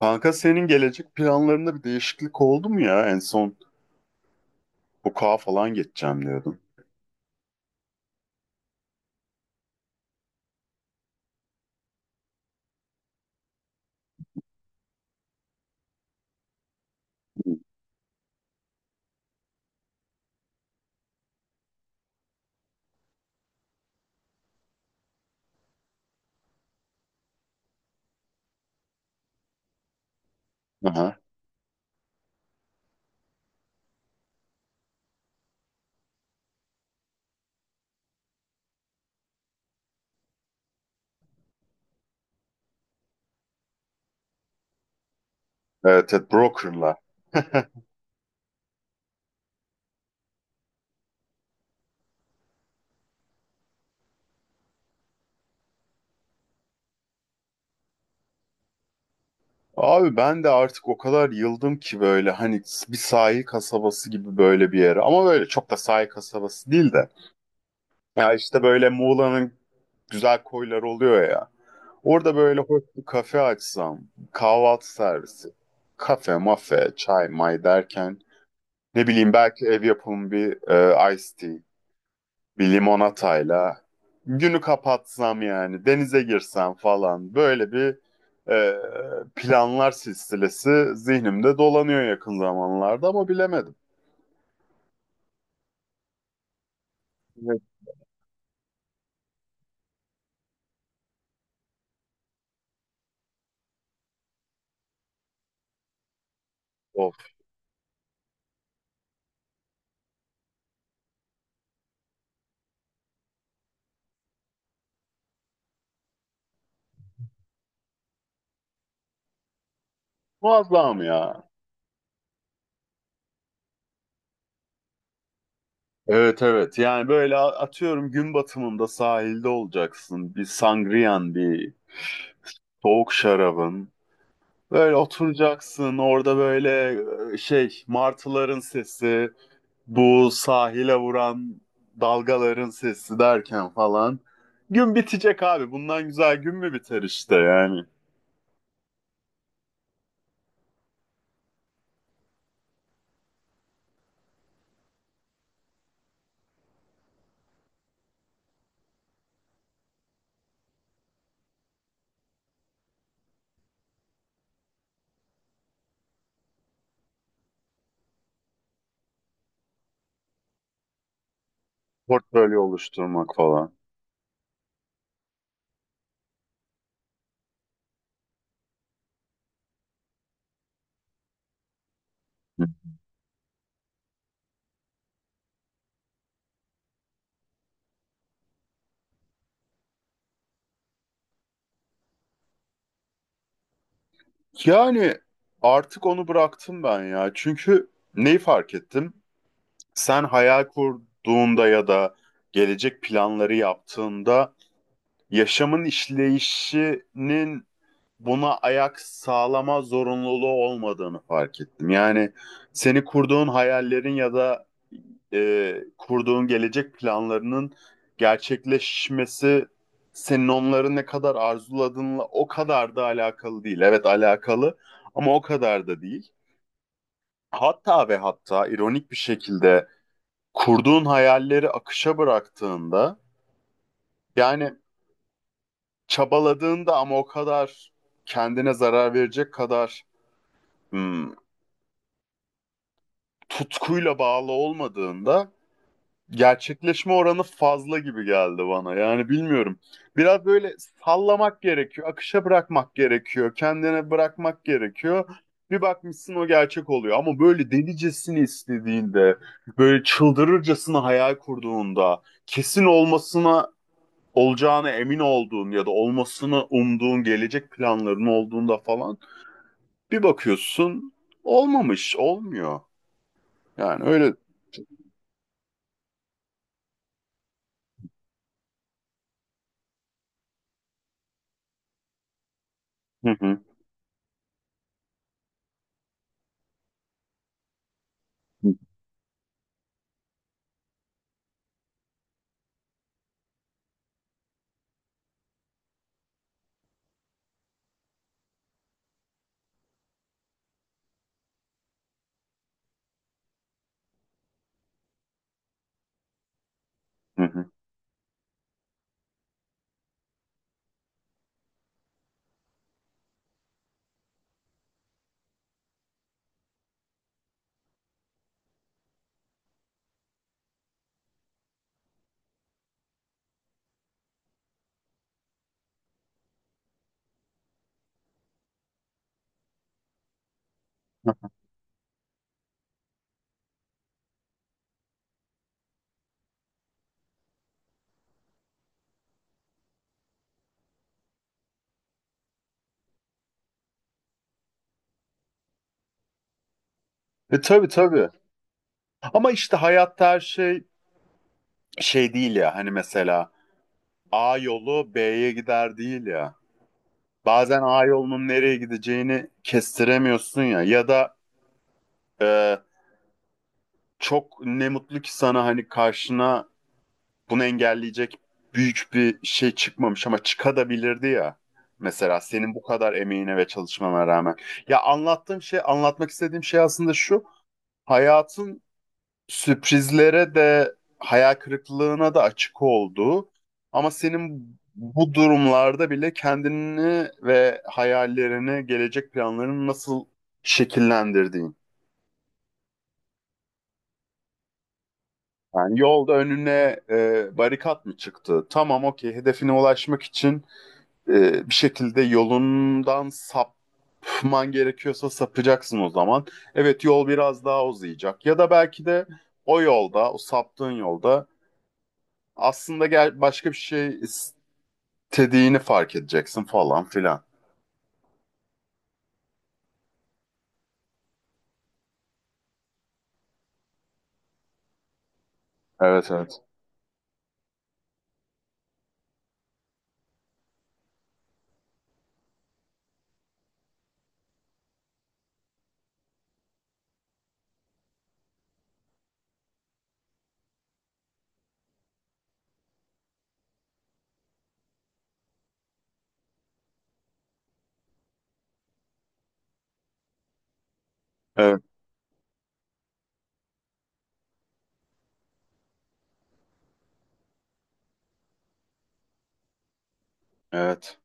Kanka senin gelecek planlarında bir değişiklik oldu mu ya? En son hukuka falan geçeceğim diyordun. Aha. Evet, evet, brokerla. Abi ben de artık o kadar yıldım ki böyle hani bir sahil kasabası gibi böyle bir yere. Ama böyle çok da sahil kasabası değil de. Ya işte böyle Muğla'nın güzel koyları oluyor ya. Orada böyle hoş bir kafe açsam, kahvaltı servisi, kafe, mafe, çay, may derken ne bileyim belki ev yapımı bir iced tea. Bir limonatayla günü kapatsam, yani denize girsem falan, böyle bir planlar silsilesi zihnimde dolanıyor yakın zamanlarda, ama bilemedim. Evet. Of. Muazzam ya. Evet, evet, yani böyle atıyorum, gün batımında sahilde olacaksın, bir sangriyan, bir soğuk şarabın, böyle oturacaksın orada, böyle şey, martıların sesi, bu sahile vuran dalgaların sesi derken falan. Gün bitecek abi. Bundan güzel gün mü biter işte yani. Portföy oluşturmak falan. Hı. Yani artık onu bıraktım ben ya. Çünkü neyi fark ettim? Sen hayal kurduğunda ya da gelecek planları yaptığında, yaşamın işleyişinin buna ayak sağlama zorunluluğu olmadığını fark ettim. Yani seni kurduğun hayallerin ya da kurduğun gelecek planlarının gerçekleşmesi, senin onları ne kadar arzuladığınla o kadar da alakalı değil. Evet, alakalı, ama o kadar da değil. Hatta ve hatta ironik bir şekilde, kurduğun hayalleri akışa bıraktığında, yani çabaladığında ama o kadar kendine zarar verecek kadar hmm, tutkuyla bağlı olmadığında, gerçekleşme oranı fazla gibi geldi bana. Yani bilmiyorum. Biraz böyle sallamak gerekiyor, akışa bırakmak gerekiyor, kendine bırakmak gerekiyor. Bir bakmışsın o gerçek oluyor, ama böyle delicesini istediğinde, böyle çıldırırcasına hayal kurduğunda, kesin olmasına, olacağına emin olduğun ya da olmasını umduğun gelecek planların olduğunda falan, bir bakıyorsun olmamış, olmuyor. Yani öyle. Hı hı. Hı hı. E tabii, tabii. Ama işte hayatta her şey şey değil ya. Hani mesela A yolu B'ye gider değil ya. Bazen A yolunun nereye gideceğini kestiremiyorsun ya. Ya da e, çok ne mutlu ki sana, hani karşına bunu engelleyecek büyük bir şey çıkmamış, ama çıkabilirdi ya. Mesela senin bu kadar emeğine ve çalışmana rağmen. Ya anlattığım şey, anlatmak istediğim şey aslında şu. Hayatın sürprizlere de hayal kırıklığına da açık olduğu, ama senin bu durumlarda bile kendini ve hayallerini, gelecek planlarını nasıl şekillendirdiğin. Yani yolda önüne barikat mı çıktı? Tamam, okey, hedefine ulaşmak için bir şekilde yolundan sapman gerekiyorsa sapacaksın o zaman. Evet, yol biraz daha uzayacak, ya da belki de o yolda, o saptığın yolda aslında gel başka bir şey istediğini fark edeceksin falan filan. Evet, evet. Evet, evet.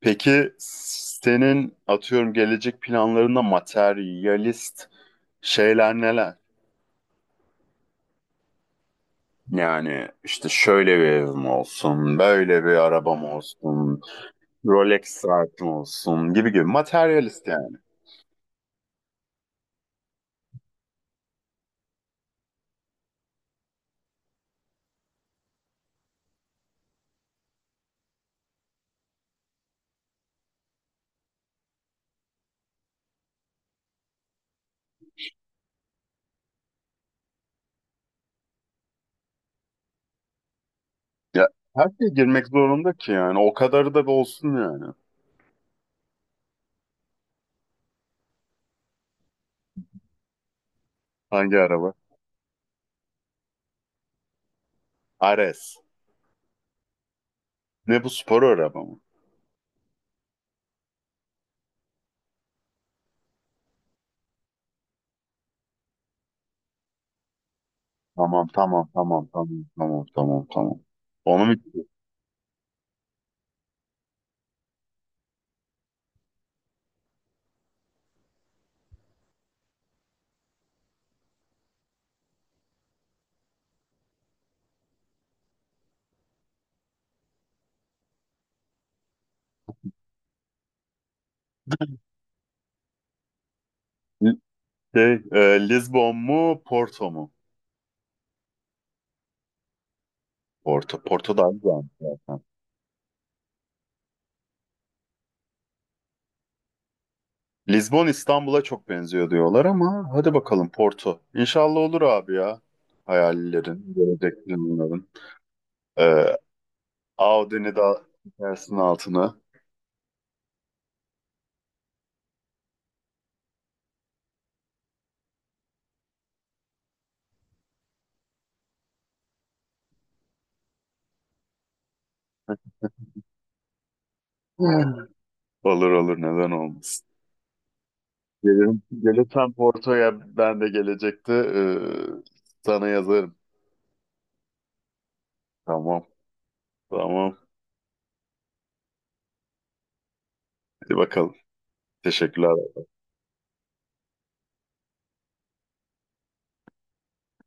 Peki senin atıyorum gelecek planlarında materyalist şeyler neler? Yani işte şöyle bir evim olsun, böyle bir arabam olsun, Rolex saatim olsun gibi gibi, materyalist yani. Ya her şey girmek zorunda ki yani, o kadarı da bir olsun yani. Hangi araba? Ares. Ne, bu spor araba mı? Tamam, tamam, tamam, tamam, tamam, tamam, tamam. Onu mu? Şey, Lisbon mu Porto mu? Porto. Porto daha güzelmiş zaten. Lisbon İstanbul'a çok benziyor diyorlar, ama hadi bakalım Porto. İnşallah olur abi ya. Hayallerin, gelecek planların. E, Audi'ni de çekersin altına. Olur, olur, neden olmasın. Gelirim, gelirsen Porto'ya ben de gelecekte, sana yazarım. Tamam, tamam. Hadi bakalım. Teşekkürler.